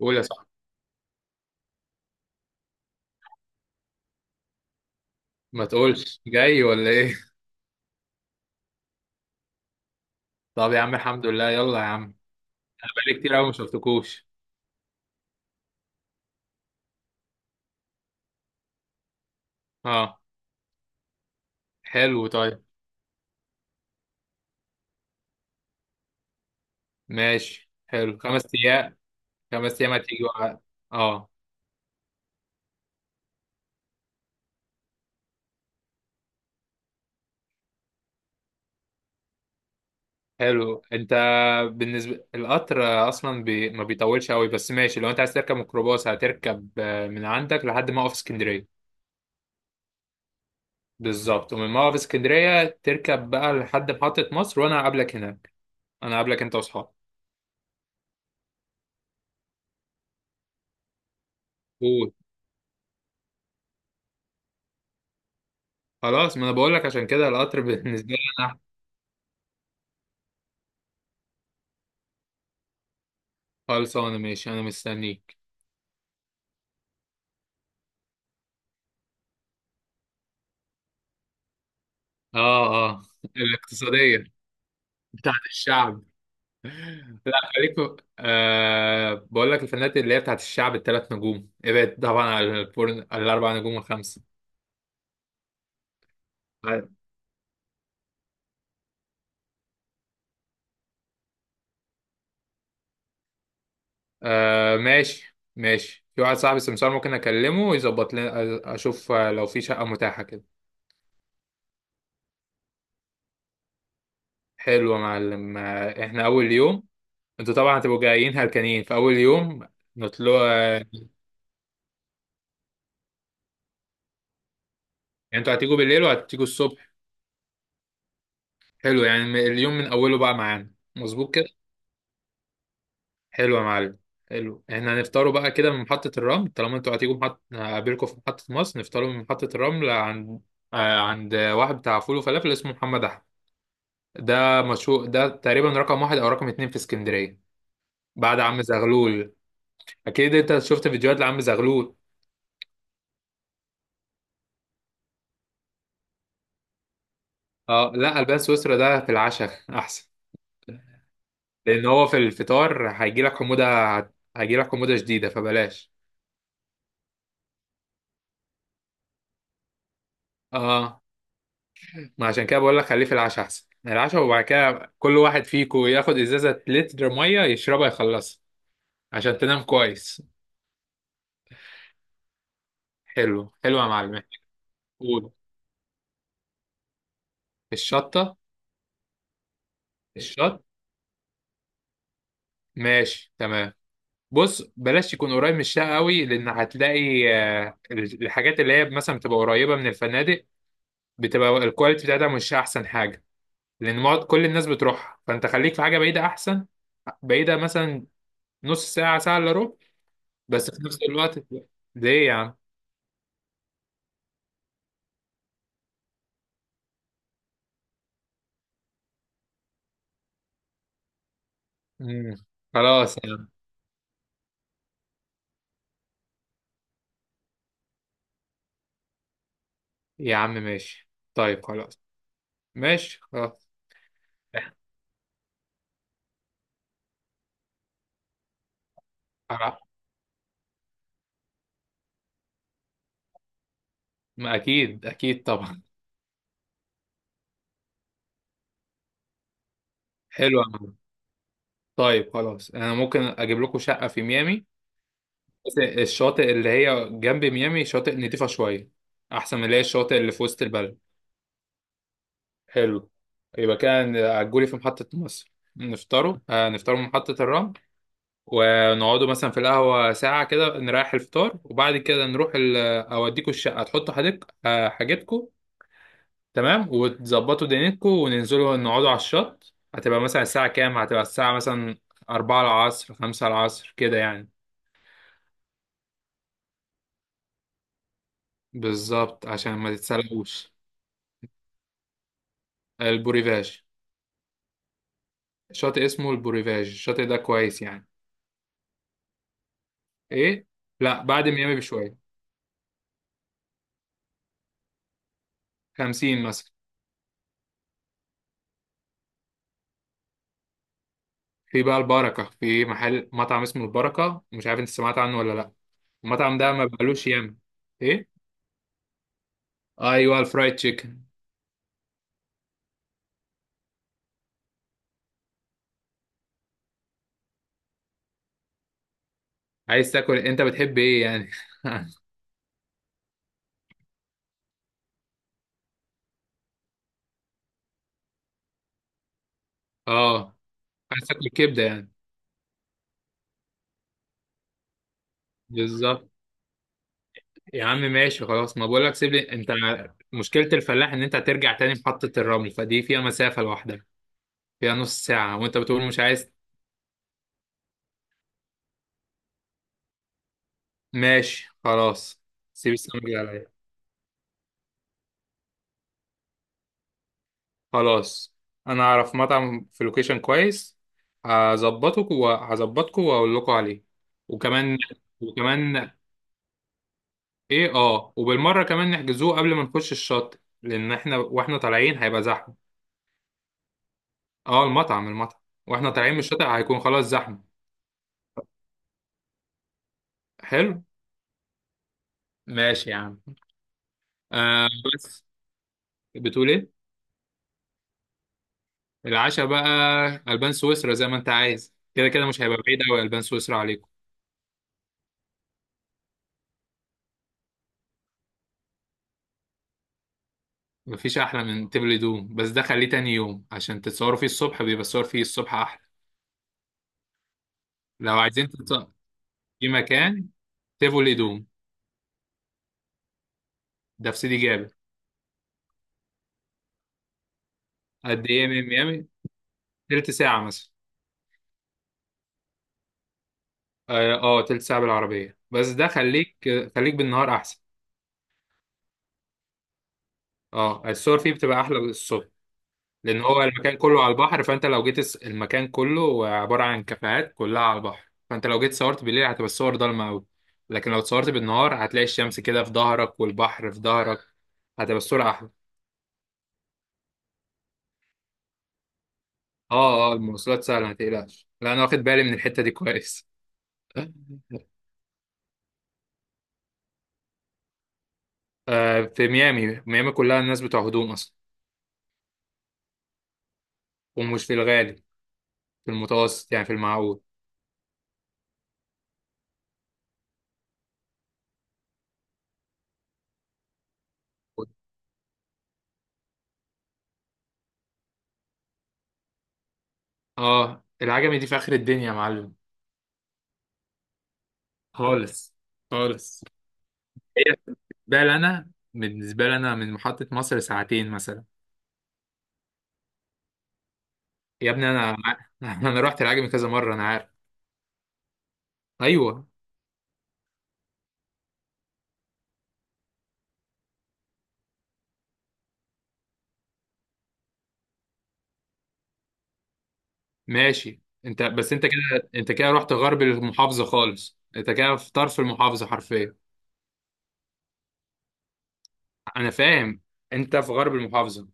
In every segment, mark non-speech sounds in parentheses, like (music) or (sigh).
قول يا صاحبي. ما تقولش جاي ولا ايه؟ (laughs) طب يا عم، الحمد لله، يلا يا عم. انا بقالي كتير قوي ما شفتكوش. اه، حلو، طيب. ماشي حلو 5 ايام. 5 ايام هتيجي بقى. اه، حلو انت. بالنسبه القطر، اصلا ما بيطولش قوي بس ماشي. لو انت عايز تركب ميكروباص هتركب من عندك لحد موقف اسكندريه. بالظبط، ومن موقف اسكندريه تركب بقى لحد محطه مصر وانا هقابلك هناك. انا هقابلك انت واصحابك. قول. خلاص، ما انا بقول لك عشان كده القطر (laughs) بالنسبه لي انا. خلصانة ماشي، أنا مستنيك. آه، آه. الاقتصادية. بتاعت الشعب. لا، خليك في- آه بقول لك الفنانات اللي هي بتاعت الشعب الثلاث نجوم، ابعد طبعا على الفرن، على الأربع نجوم والخمسة. طيب. آه ماشاشي ماشي، في واحد صاحبي سمسار ممكن أكلمه ويظبط لنا، أشوف لو في شقة متاحة كده. حلو يا معلم. إحنا أول يوم. أنتوا طبعا هتبقوا جايين هلكانين في أول يوم. نطلع، يعني. أنتوا هتيجوا بالليل وهتيجوا الصبح؟ حلو، يعني اليوم من أوله بقى معانا. مظبوط كده. حلو يا معلم. حلو، احنا هنفطروا بقى كده من محطة الرمل. طالما انتوا هتيجوا هقابلكم في محطة مصر، نفطروا من محطة الرمل عند عند واحد بتاع فول وفلافل اسمه محمد أحمد. ده مشهور، ده تقريبا رقم واحد أو رقم اتنين في اسكندرية. بعد عم زغلول. أكيد أنت شفت فيديوهات لعم زغلول. اه، لا، البان سويسرا ده في العشاء (laughs) أحسن. لأن هو في الفطار هيجيلك حموضة. هيجيلك حموضة شديدة فبلاش. اه، ما عشان كده بقول لك خليه في العشاء احسن. يعني العشاء، وبعد كده كل واحد فيكو ياخد ازازه لتر ميه يشربها يخلصها عشان تنام كويس. حلو، حلو يا معلم. قول. الشطه. الشط. ماشي تمام. بص، بلاش يكون قريب من الشقه قوي لان هتلاقي الحاجات اللي هي مثلا بتبقى قريبه من الفنادق، بتبقى الكواليتي بتاعتها مش احسن حاجه. لان كل الناس بتروحها، فانت خليك في حاجه بعيده احسن. بعيده مثلا نص ساعه، ساعه الا ربع. بس في نفس الوقت. ليه يا عم؟ مم. خلاص يا عم. يا عم ماشي، طيب خلاص. ماشي خلاص. خلاص. ما اكيد، اكيد طبعا. حلو يا عم. طيب خلاص، انا ممكن اجيب لكم شقه في ميامي. بس الشاطئ اللي هي جنب ميامي شاطئ نضيفه شويه، احسن من اللي هي الشاطئ اللي في وسط البلد. حلو. يبقى كان عجولي في محطه مصر. نفطروا من محطه الرمل، ونقعدوا مثلا في القهوه ساعه كده نريح الفطار. وبعد كده نروح اوديكوا الشقه، تحطوا حاجتكم. تمام، وتظبطوا دنيتكم وننزلوا نقعدوا على الشط. هتبقى مثلا الساعة كام؟ هتبقى الساعة مثلا أربعة العصر، خمسة العصر كده يعني. بالظبط، عشان ما تتسلقوش. البوريفاج. شاطئ اسمه البوريفاج. الشاطئ ده كويس يعني. ايه. لا، بعد ميامي بشوية. 50 مثلا. في بقى البركة. في محل مطعم اسمه البركة، مش عارف انت سمعت عنه ولا لا. المطعم ده ما بقالوش ياما. ايه. ايوه، الفرايد تشيكن. عايز تاكل؟ انت بتحب ايه يعني؟ (laughs) اه، عايز تاكل كبدة يعني. بالظبط. يا عم ماشي، خلاص ما بقولك سيب لي انت. مشكلة الفلاح ان انت هترجع تاني محطة الرمل، فدي فيها مسافة لوحدها. فيها نص ساعة وانت بتقول مش عايز. ماشي، خلاص، سيب السمك اللي عليا. خلاص، انا اعرف مطعم في لوكيشن كويس. هظبطك وهظبطكوا واقول لكم عليه. وكمان، وكمان. ايه، اه، وبالمرة كمان نحجزوه قبل ما نخش الشط، لان احنا واحنا طالعين هيبقى زحمة. اه، المطعم، المطعم. واحنا طالعين من الشاطئ هيكون خلاص زحمة. حلو. ماشي يا عم. آه. بس بتقول ايه؟ العشاء بقى. البان سويسرا زي ما انت عايز، كده كده مش هيبقى بعيد قوي البان سويسرا عليكم. مفيش احلى من تبل دوم، بس ده خليه تاني يوم عشان تتصوروا فيه. الصبح بيبقى الصور فيه الصبح احلى. لو عايزين تتصور في مكان: تيفولي دوم. ده في سيدي جابر. قد ايه من ميامي؟ تلت ساعة مثلا. اه، تلت ساعة بالعربية، بس ده خليك خليك بالنهار احسن. اه، الصور فيه بتبقى احلى الصبح. لان هو المكان كله على البحر، فانت لو جيت المكان كله عباره عن كافيهات كلها على البحر، فانت لو جيت صورت بالليل هتبقى الصور ضلمه قوي. لكن لو اتصورت بالنهار هتلاقي الشمس كده في ظهرك والبحر في ظهرك، هتبقى الصوره احلى. اه، اه، المواصلات سهله ما تقلقش. لا، انا واخد بالي من الحته دي كويس. (laughs) آه، في ميامي. ميامي كلها الناس بتوع هدوم اصلا. ومش في الغالي، في المتوسط يعني في المعقول. اه، العجمي دي في اخر الدنيا يا معلم. خالص، خالص. ده اللي انا بالنسبه لي انا من محطه مصر ساعتين مثلا. يا ابني انا (laughs) انا رحت العجمي كذا مره انا عارف. ايوه. ماشي. انت بس انت كده، انت كده رحت غرب المحافظه خالص، انت كده في طرف المحافظه حرفيا. انا فاهم. انت في غرب المحافظه.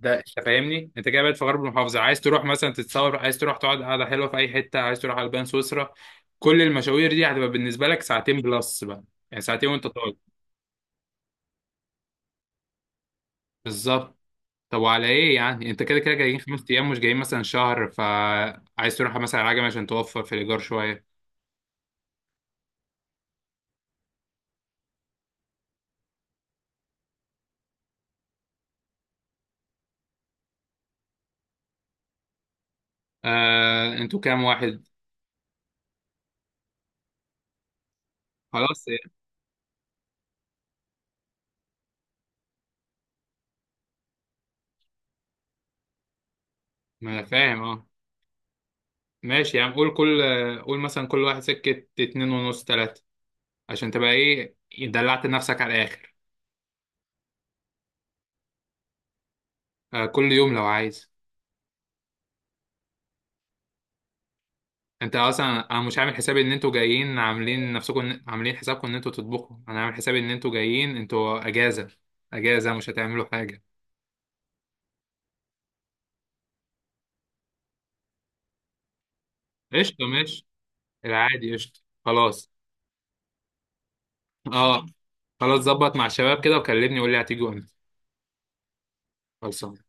ده انت فاهمني، انت كده بقيت في غرب المحافظه. عايز تروح مثلا تتصور، عايز تروح تقعد قعده حلوه في اي حته، عايز تروح على البان سويسرا. كل المشاوير دي هتبقى بالنسبه لك ساعتين بلس بقى. يعني ساعتين وانت طالع. بالظبط. طب وعلى ايه؟ يعني انت كده كده جايين 5 ايام، مش جايين مثلا شهر، فعايز تروح مثلا على عجمي عشان توفر في الايجار شويه؟ آه، انتوا كام واحد؟ خلاص، إيه. ما انا فاهم، اه. ماشي، يعني قول مثلا كل واحد سكه اتنين ونص، تلاته، عشان تبقى ايه، دلعت نفسك على الاخر. آه، كل يوم لو عايز. انت اصلا انا مش عامل حسابي ان انتوا جايين عاملين حسابكم ان انتوا تطبخوا. انا عامل حسابي ان انتوا جايين انتوا اجازه. اجازه، مش هتعملوا حاجه. قشطه، ماشي. العادي، قشطه، خلاص. اه، خلاص، ظبط مع الشباب كده وكلمني وقول لي هتيجي امتى. خلاص.